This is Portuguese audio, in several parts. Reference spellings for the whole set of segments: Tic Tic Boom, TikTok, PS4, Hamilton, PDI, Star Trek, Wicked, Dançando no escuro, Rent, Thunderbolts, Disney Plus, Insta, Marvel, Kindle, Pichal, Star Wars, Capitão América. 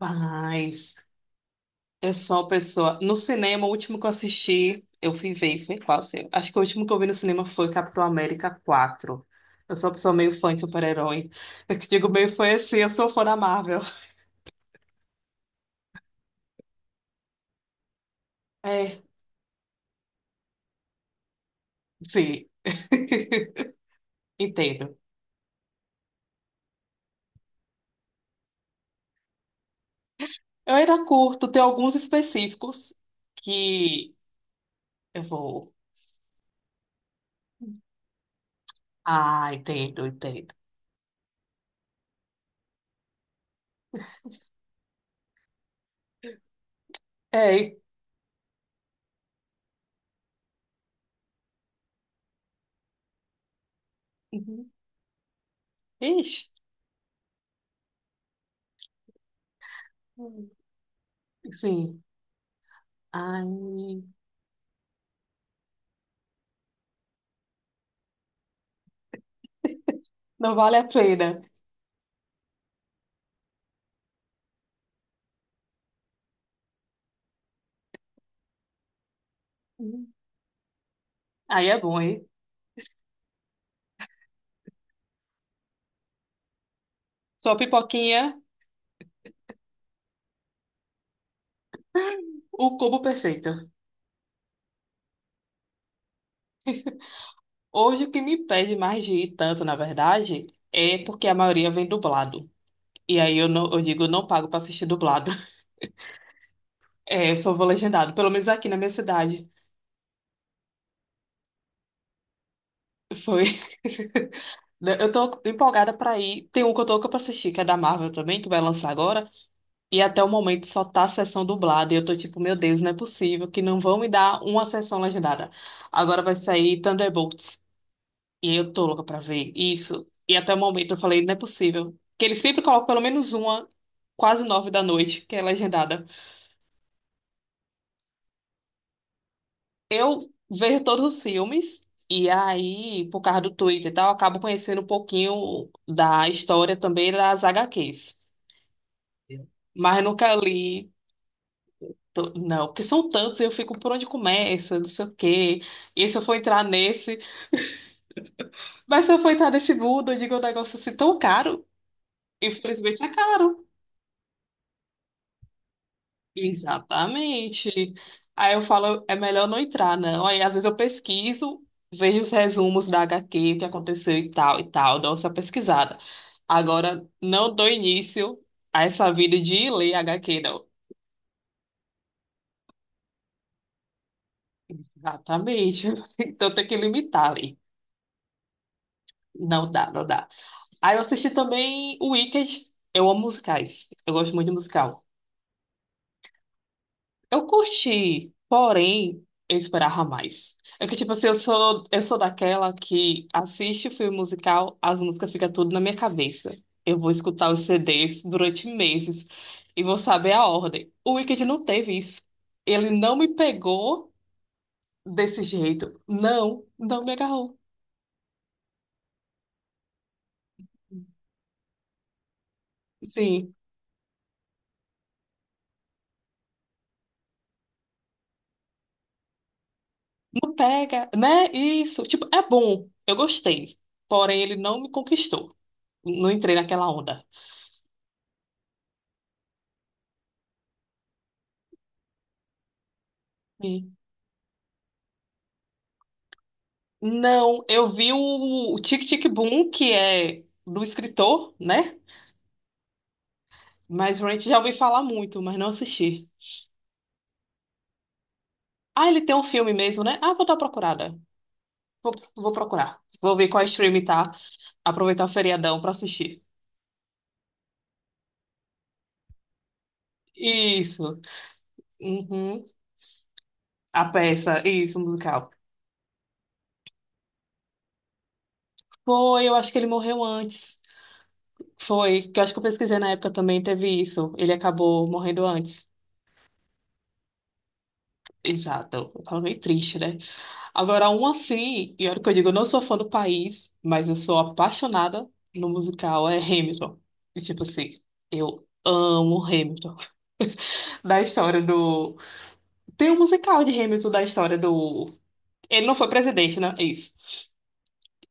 Rapaz, eu sou uma pessoa. No cinema, o último que eu assisti, eu fui ver, foi qual quase. Acho que o último que eu vi no cinema foi Capitão América 4. Eu sou uma pessoa meio fã de super-herói. Eu te digo meio fã assim, eu sou fã da Marvel. É, sim. Entendo. Eu era curto, tem alguns específicos que eu vou. Ah, entendo, entendo. É. Uhum. Ixi. Sim. Ai, não vale a pena. Aí é bom, hein? Sua pipoquinha, o cubo perfeito. Hoje o que me pede mais de ir tanto, na verdade, é porque a maioria vem dublado. E aí eu, não, eu digo, eu não pago pra assistir dublado. É, eu só vou legendado, pelo menos aqui na minha cidade. Foi. Eu tô empolgada pra ir. Tem um que eu tô louca pra assistir, que é da Marvel também, que vai lançar agora. E até o momento só tá a sessão dublada. E eu tô tipo, meu Deus, não é possível que não vão me dar uma sessão legendada. Agora vai sair Thunderbolts. E eu tô louca pra ver isso. E até o momento eu falei, não é possível. Que eles sempre colocam pelo menos uma, quase 9 da noite, que é legendada. Eu vejo todos os filmes, e aí, por causa do Twitter e tal, eu acabo conhecendo um pouquinho da história também das HQs. Mas eu nunca li. Não, porque são tantos, eu fico por onde começa, não sei o quê. E se eu for entrar nesse. Mas se eu for entrar nesse mundo, eu digo, é um negócio assim tão caro. Infelizmente é caro. Exatamente. Aí eu falo, é melhor não entrar, não. Aí às vezes eu pesquiso, vejo os resumos da HQ, o que aconteceu e tal, dou essa pesquisada. Agora, não dou início a essa vida de ler HQ, não. Exatamente. Então tem que limitar ali. Não dá, não dá. Aí eu assisti também o Wicked. Eu amo musicais. Eu gosto muito de musical. Eu curti, porém, eu esperava mais. É que, tipo assim, eu sou daquela que assiste o filme musical, as músicas ficam tudo na minha cabeça. Eu vou escutar os CDs durante meses e vou saber a ordem. O Wicked não teve isso. Ele não me pegou desse jeito. Não, não me agarrou. Sim, não pega, né? Isso, tipo, é bom. Eu gostei. Porém, ele não me conquistou. Não entrei naquela onda. Não, eu vi o Tic Tic Boom, que é do escritor, né? Mas Rent já ouvi falar muito, mas não assisti. Ah, ele tem um filme mesmo, né? Ah, vou dar uma procurada. Vou, vou procurar. Vou ver qual stream tá. Aproveitar o feriadão pra assistir. Isso. Uhum. A peça, isso, o musical. Foi, eu acho que ele morreu antes. Foi, que eu acho que eu pesquisei na época também, teve isso. Ele acabou morrendo antes. Exato. Eu falo meio triste, né? Agora, um assim, e olha que eu digo, eu não sou fã do país, mas eu sou apaixonada no musical, é Hamilton. E tipo assim, eu amo Hamilton. Da história do. Tem um musical de Hamilton da história do. Ele não foi presidente, né? É isso.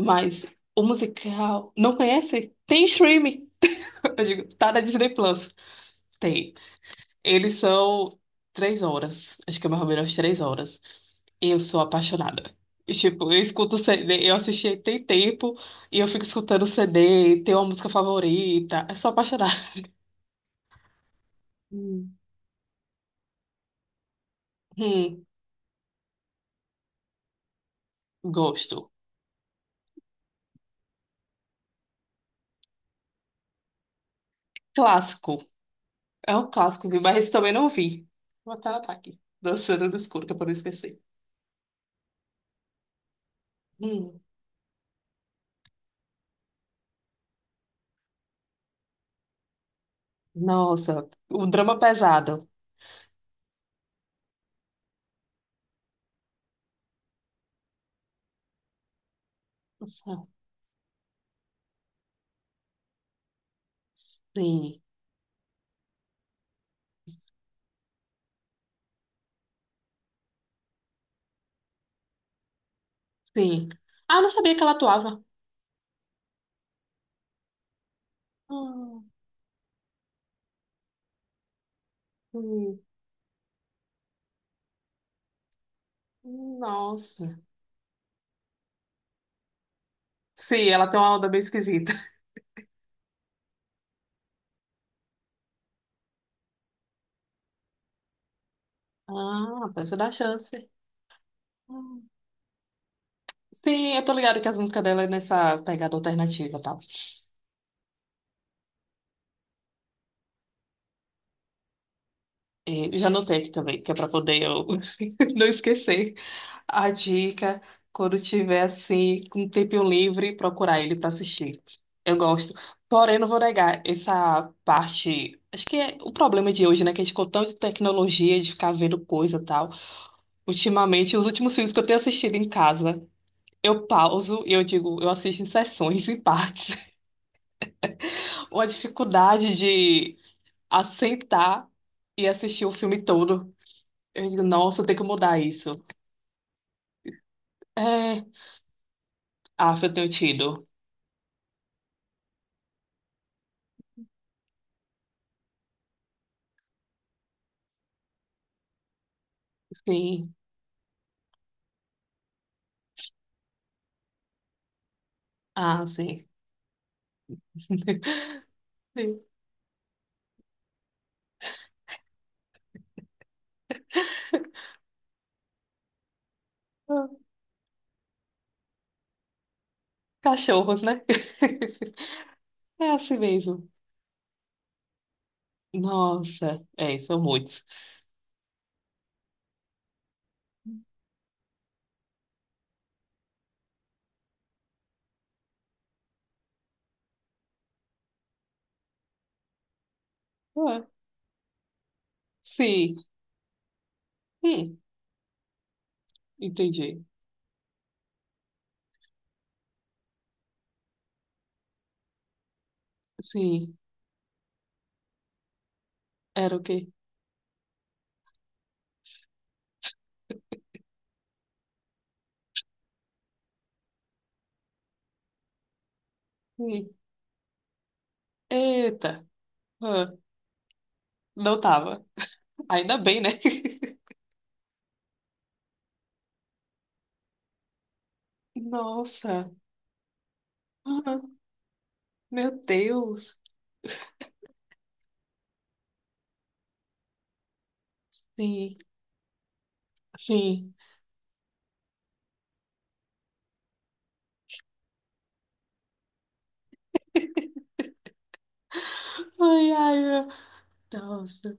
Mas o musical. Não conhece? Tem streaming. Eu digo, tá na Disney Plus. Tem. Eles são 3 horas. Acho que é mais ou menos 3 horas. Eu sou apaixonada. E, Tipo, eu escuto CD, eu assisti tem tempo e eu fico escutando CD, tenho uma música favorita. Eu sou apaixonada. Hum. Hum, gosto. Clássico. É um clássicozinho, mas esse também não vi. Vou até anotar aqui. Dançando no escuro, que é pra não esquecer. Hum, nossa, o drama pesado. Nossa, Sim, sim. Ah, eu não sabia que ela atuava. Hum, hum, nossa. Sim, ela tem uma onda bem esquisita. Ah, precisa dar chance. Hum. Sim, eu tô ligada que as músicas dela é nessa pegada alternativa, tá? E já anotei aqui também, que é pra poder eu não esquecer a dica quando tiver assim, com um tempinho livre, procurar ele pra assistir. Eu gosto. Porém, não vou negar essa parte. Acho que é o problema de hoje, né? Que a gente ficou tanto de tecnologia, de ficar vendo coisa e tal. Ultimamente, os últimos filmes que eu tenho assistido em casa. Eu pauso e eu digo, eu assisto em sessões, em partes. Ou a dificuldade de assentar e assistir o filme todo. Eu digo, nossa, eu tenho que mudar isso. É, ah, eu tenho tido. Sim, ah, sim. Sim. Ah, Cachorros, né? É assim mesmo. Nossa, é, são muitos. Ah, sim, hum, entendi. Sim, era o quê? Hum. Eita, ah, não tava. Ainda bem, né? Nossa. Aham. Meu Deus. Sim, sim. Ai, ai, meu- nossa.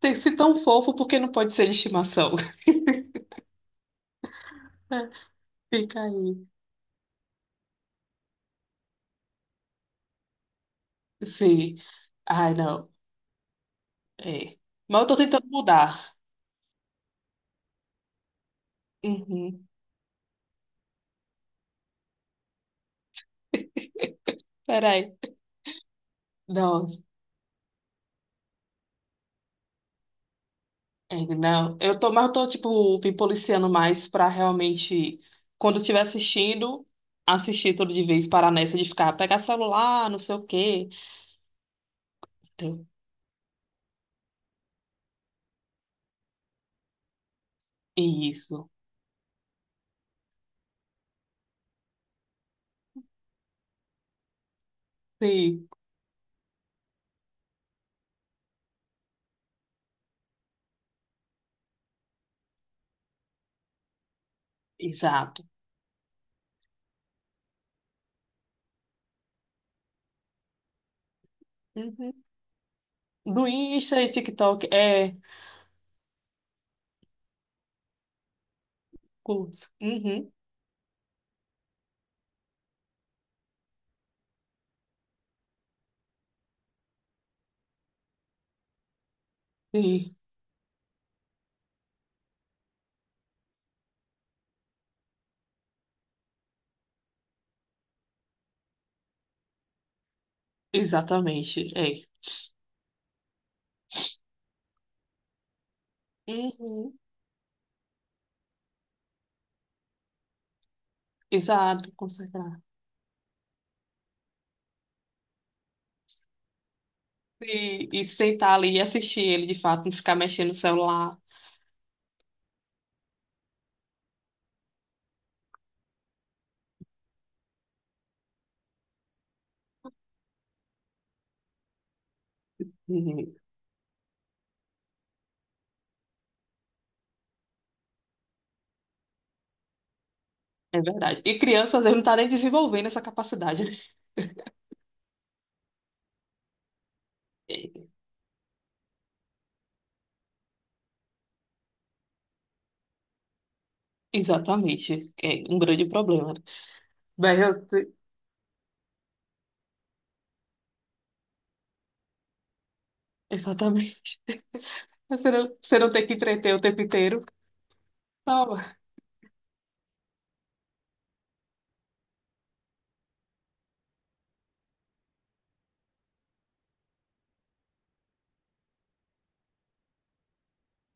Tem que ser tão fofo porque não pode ser de estimação. Fica aí. Sim. Ai, não. É. Mas eu tô tentando mudar. Uhum. Peraí. Nossa. É, não. Eu tô, mas eu tô, tipo, me policiando mais pra realmente, quando eu estiver assistindo, assistir tudo de vez, parar nessa de ficar, pegar celular, não sei o quê. Entendeu? Isso. Sim. Exato. Do Insta e TikTok. É, culto. Uhum. Sim, exatamente. É. Uhum. Exato, consagrar. E sentar ali e assistir ele de fato, não ficar mexendo no celular. Uhum. É verdade. E crianças, eles não está nem desenvolvendo essa capacidade. Né? É, exatamente. É um grande problema. Mas eu, te- exatamente. Você não tem que entreter o tempo inteiro. Tá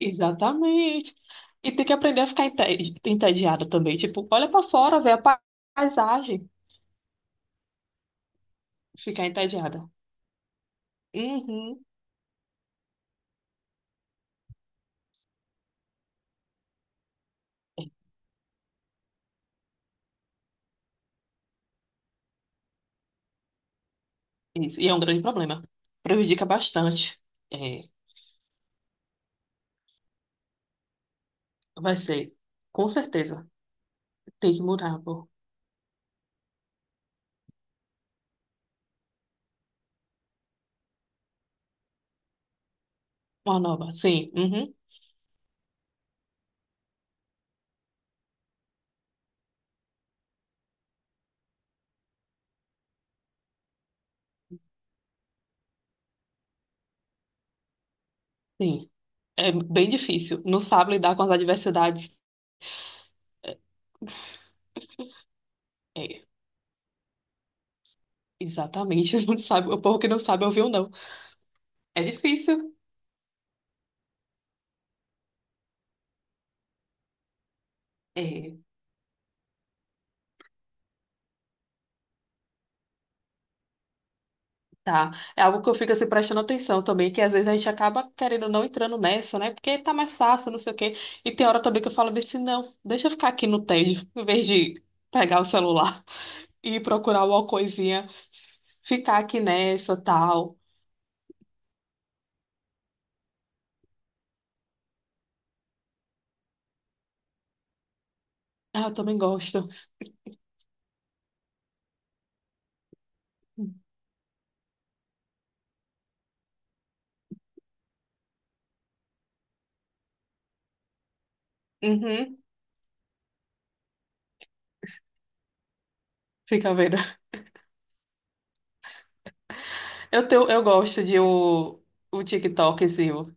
Exatamente. E tem que aprender a ficar entediada também. Tipo, olha pra fora, vê a paisagem, ficar entediada. Uhum. Isso. E é um grande problema. Prejudica bastante. É, vai ser, com certeza, tem que mudar, pô. Uma nova. Sim, uhum, sim. É bem difícil. Não sabe lidar com as adversidades. É, exatamente. Não sabe, o povo que não sabe ouvir o não. É difícil. É, Tá. É algo que eu fico assim prestando atenção também, que às vezes a gente acaba querendo não entrando nessa, né? Porque tá mais fácil, não sei o quê. E tem hora também que eu falo bem assim, não, deixa eu ficar aqui no tédio, em vez de pegar o celular e procurar alguma coisinha, ficar aqui nessa, tal. Ah, eu também gosto. Uhum, fica vendo. Eu tenho, eu gosto de o TikTokzinho.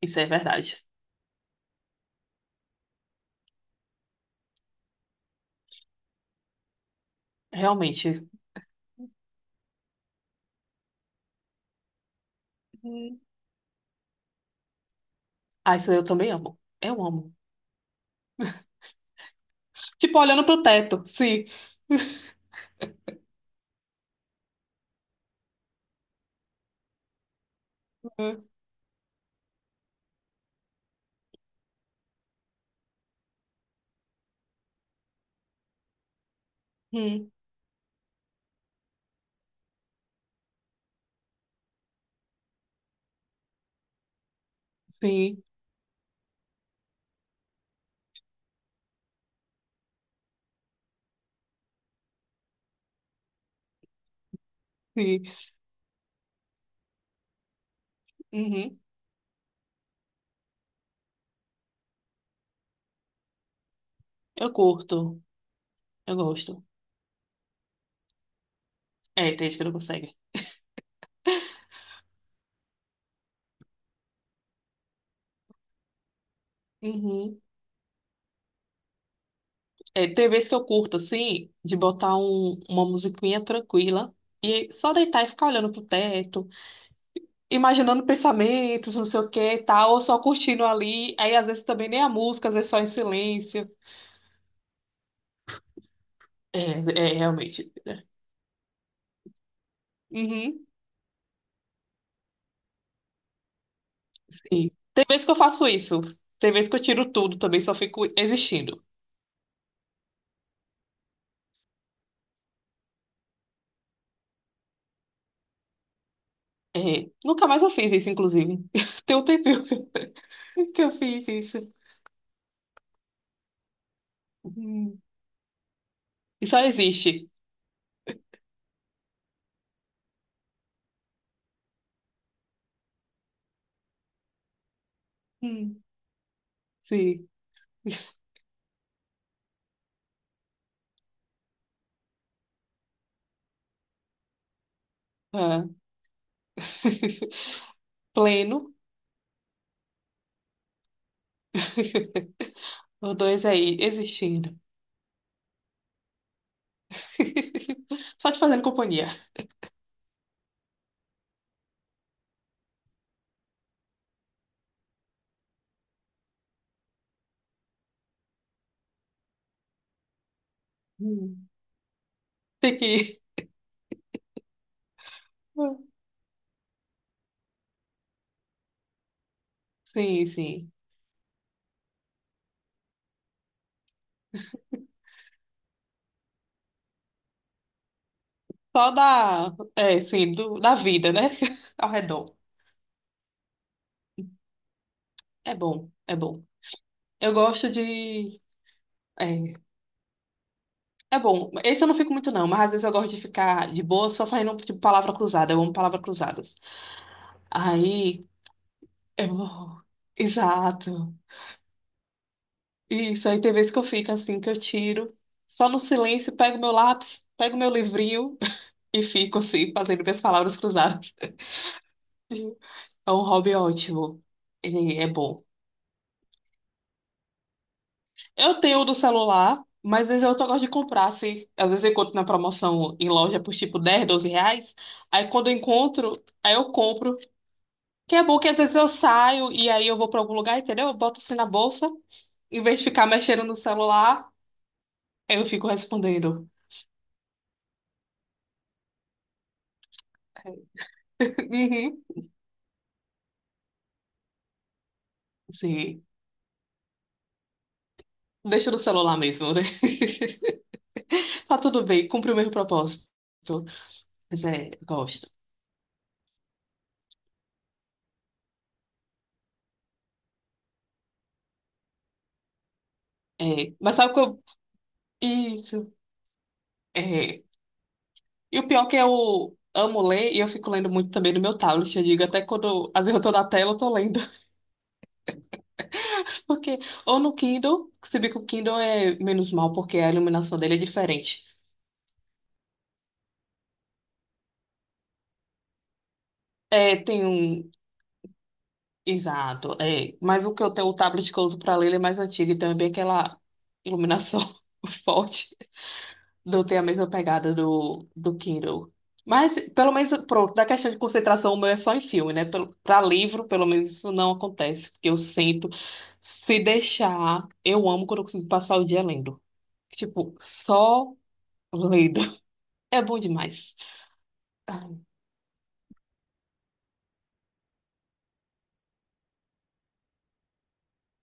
Isso é verdade. Realmente. Uhum. Ah, isso eu também amo. Eu amo. Tipo, olhando pro teto, sim. Uhum, sim. Sim. Uhum. Eu curto. Eu gosto. É, tem gente que não consegue. Uhum. É, tem vezes que eu curto, assim, de botar uma musiquinha tranquila e só deitar e ficar olhando pro teto, imaginando pensamentos, não sei o que e tal, ou só curtindo ali. Aí, às vezes, também nem a música, às vezes só em silêncio. É, é realmente. Uhum. Sim. Tem vezes que eu faço isso. Tem vezes que eu tiro tudo também, só fico existindo. É, nunca mais eu fiz isso, inclusive. Tem um tempinho que eu fiz isso. Hum. E só existe. Hum. Sim. Ah. Pleno, os dois aí, existindo. Só te fazendo companhia. Hum. Tem que. Sim, sim. Só da. É, sim, da vida, né? Ao redor. É bom, é bom. Eu gosto de. É, é bom. Esse eu não fico muito, não, mas às vezes eu gosto de ficar de boa só fazendo, tipo, palavra cruzada. Eu amo palavras cruzadas. Aí, eu. Exato. Isso, aí tem vezes que eu fico assim, que eu tiro, só no silêncio, pego meu lápis, pego meu livrinho e fico assim, fazendo minhas palavras cruzadas. Sim. É um hobby ótimo. Ele é bom. Eu tenho o do celular, mas às vezes eu só gosto de comprar, assim. Às vezes eu encontro na promoção em loja por tipo 10 12 reais. Aí quando eu encontro, aí eu compro. Que é bom que às vezes eu saio e aí eu vou pra algum lugar, entendeu? Eu boto assim na bolsa, em vez de ficar mexendo no celular, aí eu fico respondendo. Uhum. Sim. Deixa no celular mesmo, né? Tá tudo bem, cumpri o meu propósito. Mas é, gosto. É, mas sabe o que eu. Isso. É. E o pior é que eu amo ler e eu fico lendo muito também no meu tablet. Eu digo, até quando às vezes eu tô na tela, eu tô lendo. Porque, ou no Kindle, se bem que o Kindle é menos mal, porque a iluminação dele é diferente. É, tem um. Exato, é. Mas o que eu tenho, o tablet que eu uso pra ler, ele é mais antigo, então é bem aquela iluminação forte. Não tem a mesma pegada do Kindle. Mas, pelo menos, pronto, da questão de concentração, o meu é só em filme, né? Para livro, pelo menos, isso não acontece, porque eu sinto, se deixar, eu amo quando eu consigo passar o dia lendo. Tipo, só lendo. É bom demais. Ai,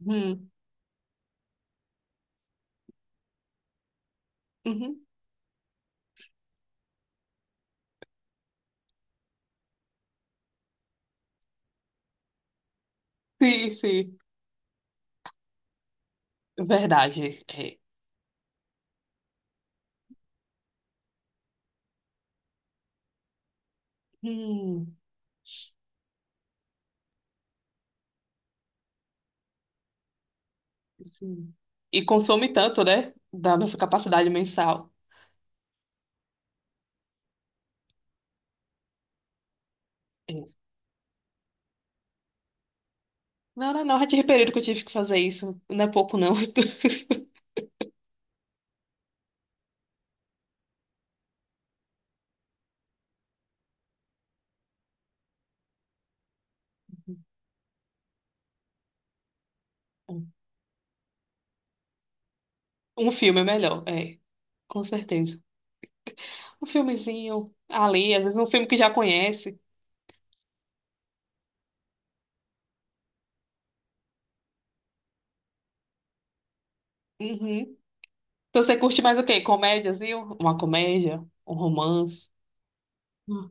hum, uhum. Sim, sim, verdade. É. Hum, sim. E consome tanto, né? Da nossa capacidade mensal. É. Não, não, não, já tive período que eu tive que fazer isso. Não é pouco, não. Um filme é melhor, é, com certeza. Um filmezinho ali, às vezes um filme que já conhece. Uhum. Então você curte mais o quê? Comédias, viu? Uma comédia, um romance. Hum,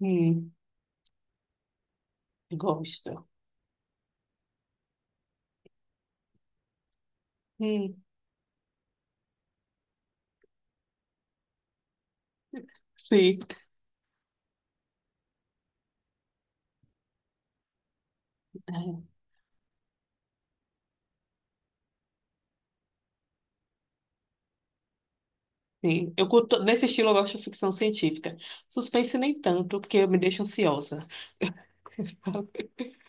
hum, gosto. Hum, sim. É, sim. Eu curto, nesse estilo eu gosto de ficção científica. Suspense nem tanto, porque me deixa ansiosa.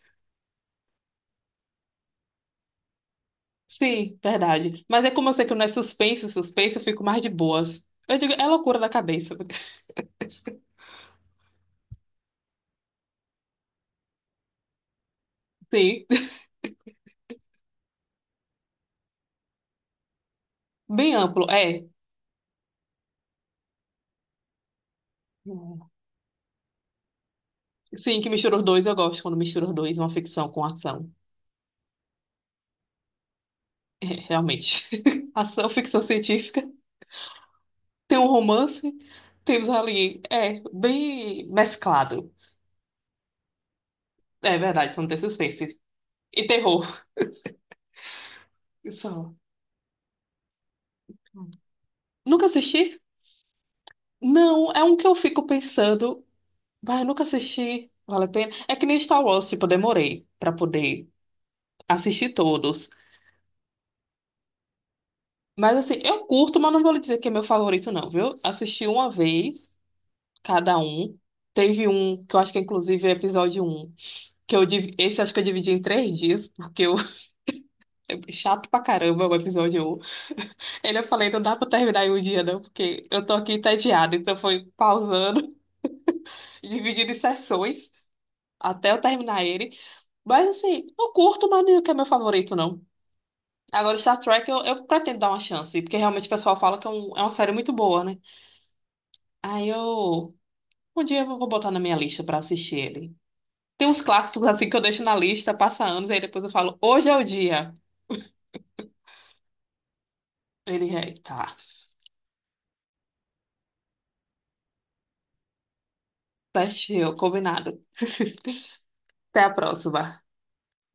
Sim, verdade. Mas é como eu sei que não é suspense, suspense, eu fico mais de boas. Eu digo, é loucura da cabeça. Sim, bem amplo, é. Sim, que mistura os dois, eu gosto quando mistura os dois, uma ficção com ação. É, Realmente. Ação, ficção científica. Tem um romance, temos ali. É, bem mesclado. É verdade, só não tem suspense. E terror. Só. Nunca assisti? Não, é um que eu fico pensando. Mas nunca assisti. Vale a pena. É que nem Star Wars, tipo, eu demorei pra poder assistir todos. Mas assim, eu curto, mas não vou lhe dizer que é meu favorito, não, viu? Assisti uma vez. Cada um. Teve um, que eu acho que é, inclusive é episódio um que eu divi- esse eu acho que eu dividi em 3 dias, porque eu chato pra caramba o episódio um Ele eu falei, não dá pra terminar em um dia não, porque eu tô aqui entediada, então foi pausando, dividindo em sessões até eu terminar ele. Mas assim, eu curto, mas não é que é meu favorito não. Agora o Star Trek eu pretendo dar uma chance, porque realmente o pessoal fala que é, é uma série muito boa, né? Aí eu um dia eu vou botar na minha lista pra assistir ele. Tem uns clássicos assim que eu deixo na lista, passa anos, aí depois eu falo, hoje é o dia. Ele, "É, tá, certinho, combinado. Até a próxima.